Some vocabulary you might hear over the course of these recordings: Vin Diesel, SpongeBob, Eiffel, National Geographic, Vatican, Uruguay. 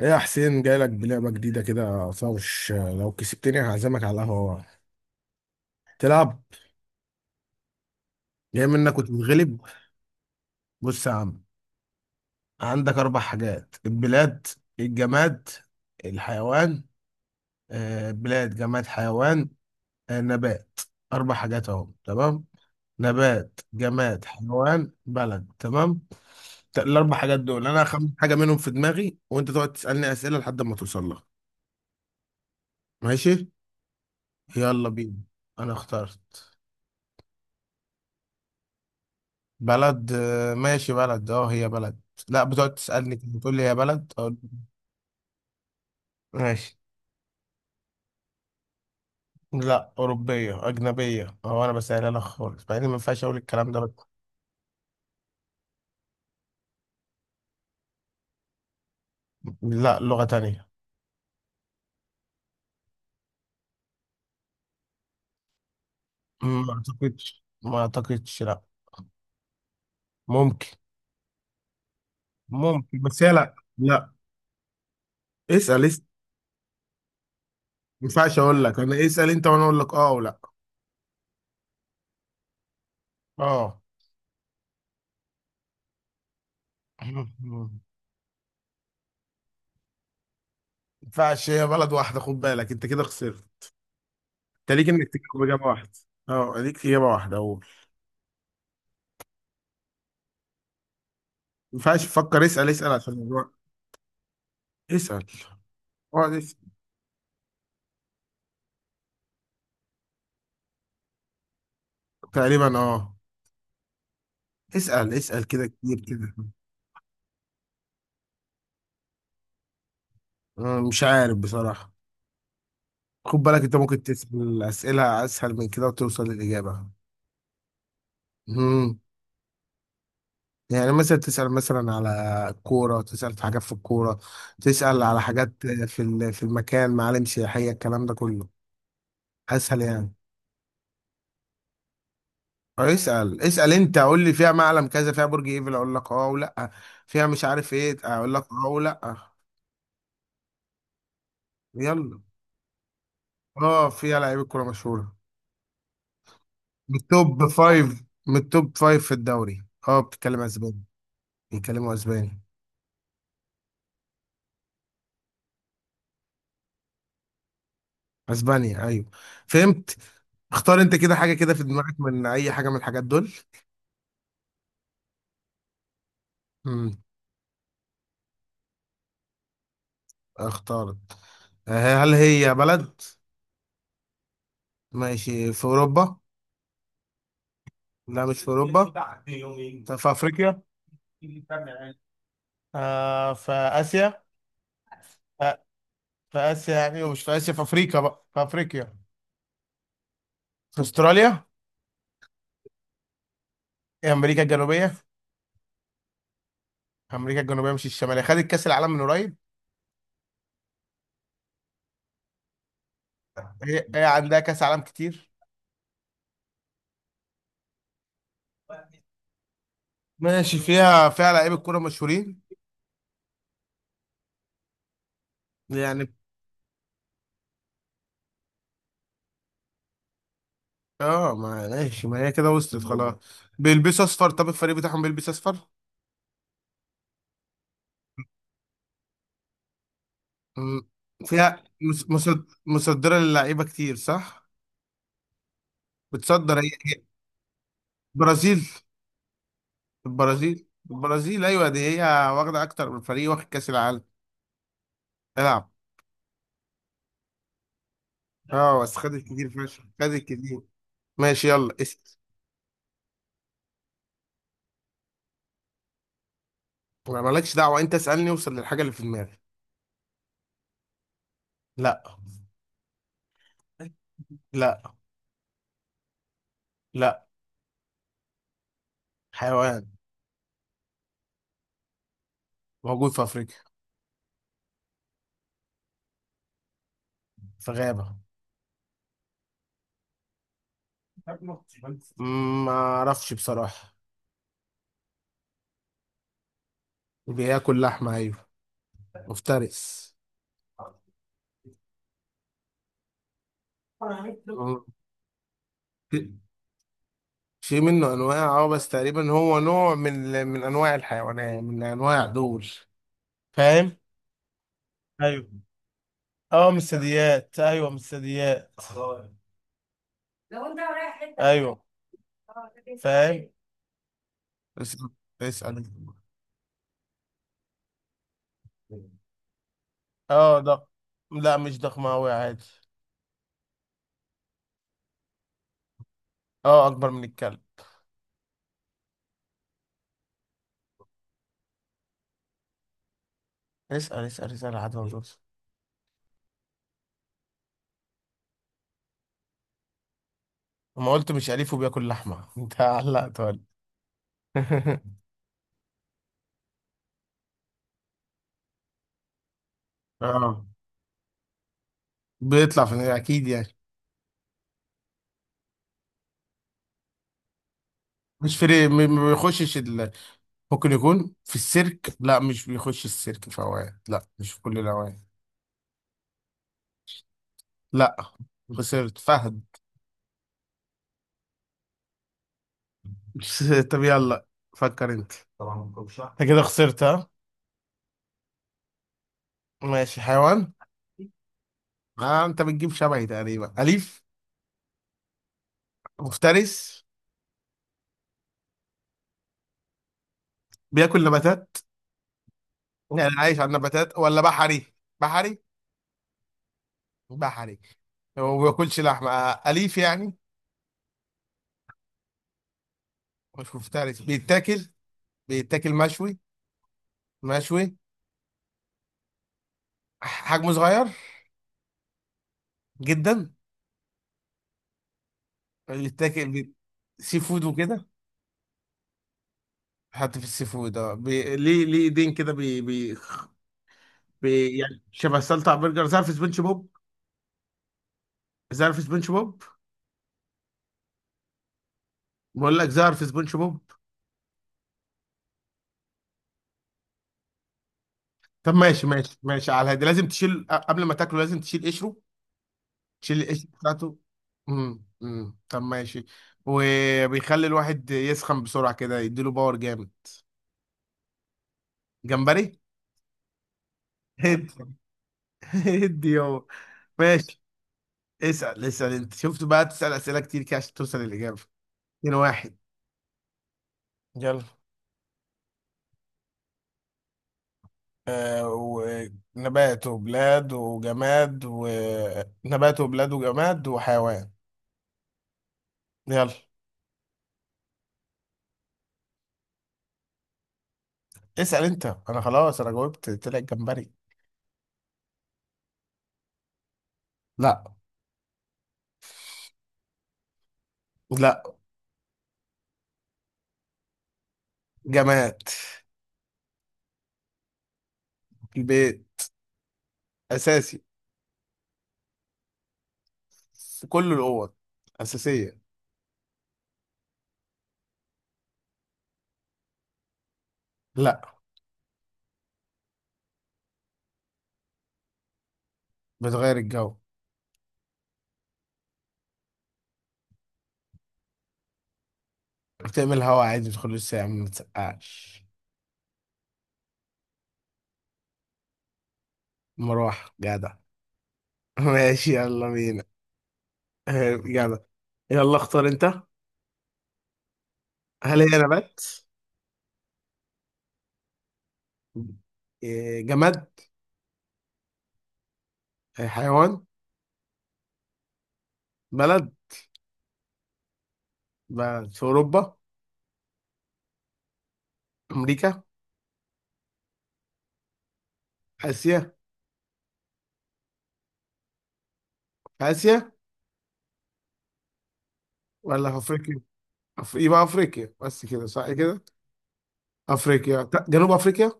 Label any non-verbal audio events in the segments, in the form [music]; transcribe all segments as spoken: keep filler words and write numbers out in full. ايه يا حسين، جايلك بلعبة جديدة كده صوش، لو كسبتني هعزمك على القهوة. تلعب؟ جاي منك وتتغلب. بص يا عم، عندك أربع حاجات: البلاد، الجماد، الحيوان، آه، بلاد جماد حيوان، آه، نبات. أربع حاجات أهو، تمام؟ نبات جماد حيوان بلد، تمام. ت- الأربع حاجات دول أنا هخمن حاجة منهم في دماغي وأنت تقعد تسألني أسئلة لحد ما توصل لها. ماشي يلا بينا، أنا اخترت. بلد، آه، ماشي. بلد اه، هي بلد. لا، بتقعد تسألني كده، بتقول لي هي بلد أقول ماشي. لا، أوروبية أجنبية، هو أنا بسألها لك خالص، مع إني ما ينفعش أقول الكلام ده بس. لا، لغة تانية. ما أعتقدش ما أعتقدش لا. ممكن. ممكن، بس هي، لا لا. اسأل اسأل، ما ينفعش أقول لك، أنا اسأل أنت وأنا أقول لك أه ولا. أه. [laughs] ما ينفعش، هي بلد واحدة، خد بالك أنت كده خسرت. أنت ليك إنك تجاوب إجابة واحدة. أه ليك إجابة واحدة أقول، ما ينفعش تفكر، اسأل اسأل عشان اسأل. اقعد اسأل. تقريبا اه. اسأل اسأل كده، كتير كده. أنا مش عارف بصراحة. خد بالك انت ممكن تسأل أسئلة أسهل من كده وتوصل للإجابة. امم يعني مثلا تسأل مثلا على كورة، تسأل في حاجات في الكورة. تسأل على حاجات في ال- في المكان، معالم سياحية، الكلام ده كله أسهل يعني. أو اسأل اسأل أنت، قول لي فيها معلم كذا، فيها برج إيفل، أقول لك أه ولا. فيها مش عارف إيه، أقول لك أه ولا. يلا. أه، فيها لعيبة كورة مشهورة، من التوب فايف، من التوب فايف في الدوري. اه، بتتكلم اسباني. بيتكلموا اسباني. اسبانيا، ايوه. فهمت. اختار انت كده حاجة كده في دماغك من اي حاجة من الحاجات دول. امم اختارت. آه، هل هي بلد؟ ماشي، في اوروبا؟ لا، مش في اوروبا. طب في افريقيا؟ آه، في اسيا؟ آه، في اسيا يعني، ومش في اسيا، في افريقيا، بقى في افريقيا. في استراليا؟ هي امريكا الجنوبية. امريكا الجنوبية مش الشمالية، خدت كاس العالم من قريب. هي, هي عندها كاس عالم كتير. ماشي، فيها فيها لعيبه كوره مشهورين. يعني اه، ما ماشي، ما هي كده وصلت خلاص. بيلبسوا اصفر، طب الفريق بتاعهم بيلبس اصفر. مم. فيها مس- مصد- مصدره للعيبه كتير صح، بتصدر، هي هي- برازيل. البرازيل، البرازيل ايوه دي هي. واخده اكتر من فريق واخد كاس العالم. العب. اه بس خدت كتير فشخ، خدت كتير. ماشي يلا اسال. ما مالكش دعوه انت، اسالني اوصل للحاجه اللي في دماغي. لا. لا. لا. حيوان. موجود في افريقيا. في غابه. ما اعرفش بصراحة. بياكل لحمة ايوه، مفترس. مم. في منه انواع اه، بس تقريبا هو نوع من من انواع الحيوانات، من انواع دول. فاهم. ايوه. اه من الثدييات، ايوه من الثدييات، ايوه. فاهم. اسأل اسأل. اه ده. لا مش ضخم اوي، عادي. اه، اكبر من الكلب. اسال اسال اسال عادي، موجود. ما قلت مش أليف وبياكل لحمة، [laughs] انت علقت ولا. [laughs] اه، بيطلع في اكيد يعني. مش في م- ما بيخشش ال... ممكن يكون في السيرك، لا مش بيخش السيرك في اوقات، لا مش في كل الاوقات. لا. خسرت فهد. [laughs] طب يلا، فكر انت. طبعا ما بتكونش صح، انت كده خسرت، ها. ماشي، حيوان. آه، انت بتجيب شبهي تقريبا، اليف. مفترس. بياكل نباتات، يعني عايش على النباتات ولا بحري. بحري. باح عليك. هو ما بياكلش لحمه، اليف يعني. مش مفترس، بيتاكل. بيتاكل مشوي. مشوي. حجمه صغير جدا. بيتاكل بي... سي فود وكده. حتى في السي فود، اه، بي... ليه ليه ايدين كده، بي... بي... بي... يعني شبه سلطع برجر، زعر في سبونج بوب. زعر في سبونج بوب. بقول لك زعر في سبونج بوب. طب ماشي ماشي ماشي، على هادي لازم تشيل قبل ما تاكله، لازم تشيل قشره. شيل القشر بتاعته. امم امم طب ماشي. وبيخلي الواحد يسخن بسرعة كده، يديله باور جامد. جمبري. [laughs] هد. هد يابا. ماشي، اسأل اسأل. انت شفت بقى، تسأل أسئلة كتير كده عشان توصل للإجابة. اتنين واحد. يلا. آه، ونبات وبلاد وجماد، ونبات وبلاد وجماد وحيوان. يلا. اسأل انت، انا خلاص، انا جاوبت، طلع الجمبري. لا. لا. جماد. البيت، اساسي. في كل الاوض، اساسيه. لا. بتغير الجو. بتعمل هوا عادي، بتدخل الساعه ما بتسقعش. مروحه، جدع. [laughs] ماشي يلا بينا. [laughs] آه، جدع. يلا اختار انت. هل هي نبات؟ إيه، جماد؟ إيه، حيوان؟ بلد. بلد في اوروبا؟ امريكا؟ اسيا؟ في اسيا ولا في افريقيا؟ أف- يبقى افريقيا بس، كده صح كده. افريقيا لا، جنوب افريقيا.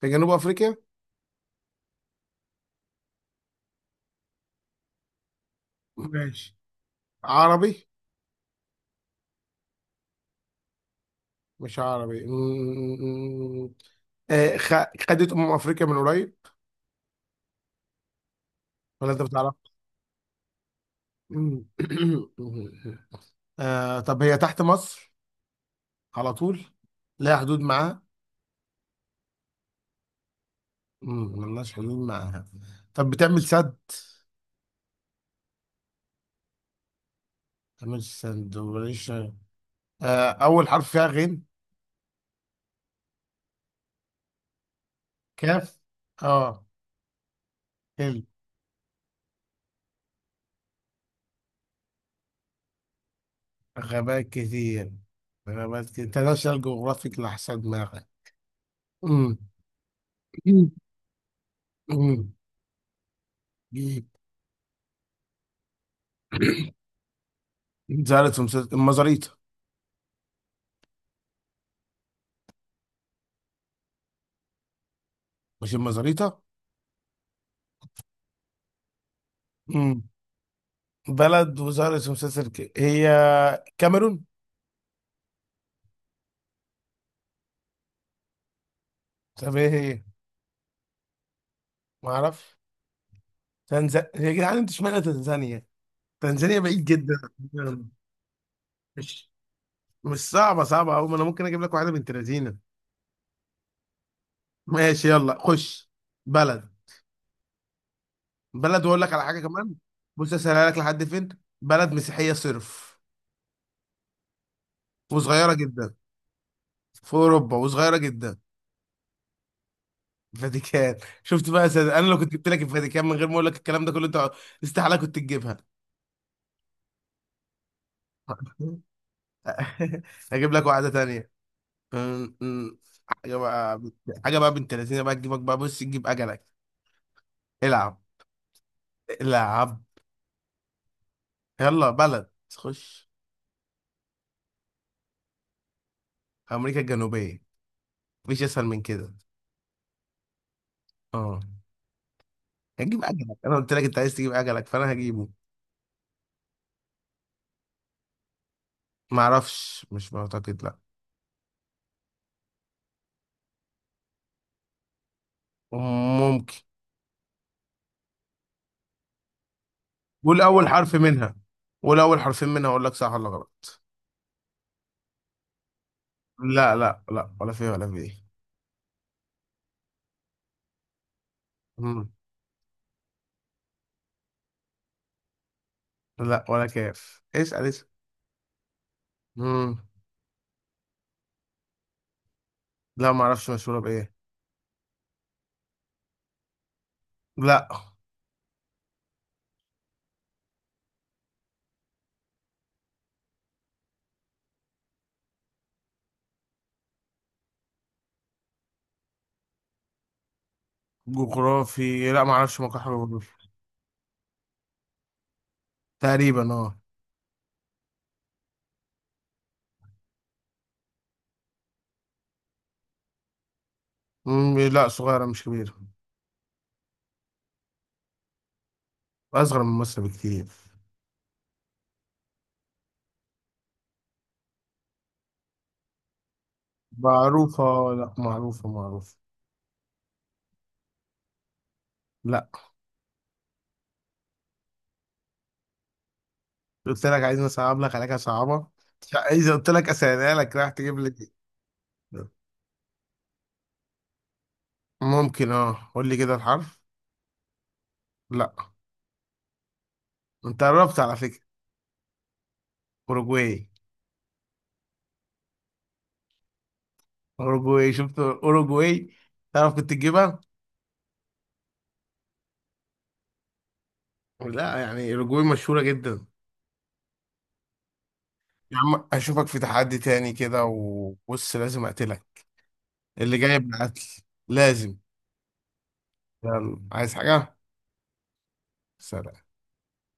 في جنوب افريقيا. ماشي، عربي؟ مش عربي. مم. آه، خ- خدت أمم أفريقيا من قريب، ولا أنت بتعرف؟ مم. [coughs] آه، طب هي تحت مصر على طول؟ لها حدود معاها؟ مم، ملناش حدود معاها. طب بتعمل سد؟ بتعمل سد وليش. آه، أول حرف فيها غين؟ كاف؟ أه، حلو. غابات كتير. غابات كتير، انترناشونال جغرافيك لأحسن دماغك. مم. مم. مم. زعلت. [coughs] في مسلسل المزاريطة. مش المزاريطة. مم. بلد وظهرت في مسلسل، ك- هي كاميرون. طب ايه هي، ما اعرفش. تنزانيا، يا جدعان، انت اشمعنى تنزانيا؟ تنزانيا بعيد جدا. مش مش صعبه، صعبه قوي، ما انا ممكن اجيب لك واحده بنت لذينه. ماشي يلا خش. بلد. بلد، واقول لك على حاجه كمان. بص، اسهلها لك لحد فين. بلد مسيحيه صرف، وصغيره جدا. في اوروبا وصغيره جدا. الفاتيكان. شفت بقى يا سيد؟ انا لو كنت جبت لك الفاتيكان من غير ما اقول لك الكلام ده كله، انت استحاله كنت تجيبها. [laughs] اجيب لك واحده تانية. أم- أم. حاجه بقى. حاجه بقى، بنت لذينه بقى تجيبك، بقى بص تجيب اجلك. العب. العب. يلا بلد، خش. امريكا الجنوبيه، مفيش اسهل من كده. اه، هتجيب اجلك، انا قلت لك انت عايز تجيب اجلك، فانا هجيبه. معرفش، مش معتقد لا. ممكن. قول اول حرف منها، قول اول حرفين منها اقول لك صح ولا غلط. لا. لا. لا ولا فيه، ولا فيه. مم. لا، ولا كاف، اسال اسال. مم. لا، معرفش مشهوره بايه. لا. جغرافي لا، ما اعرفش مكان حاجه جغرافي. تقريبا اه. مم، لا صغيره مش كبيره. اصغر من مصر بكتير. معروفه، لا معروفه معروفه. لا. قلت لك عايز اصعب لك، عليك صعبه. اذا قلت لك اسالها لك راح تجيب لي دي. ممكن اه، قول لي كده الحرف. لا، انت قربت على فكره. اوروجواي. اوروجواي، شفت اوروجواي؟ تعرف كنت تجيبها. لا، يعني اوروجواي مشهوره جدا. يا عم، اشوفك في تحدي تاني كده، وبص لازم اقتلك. اللي جايب العدل، لازم. يلا، عايز حاجة؟ سلام.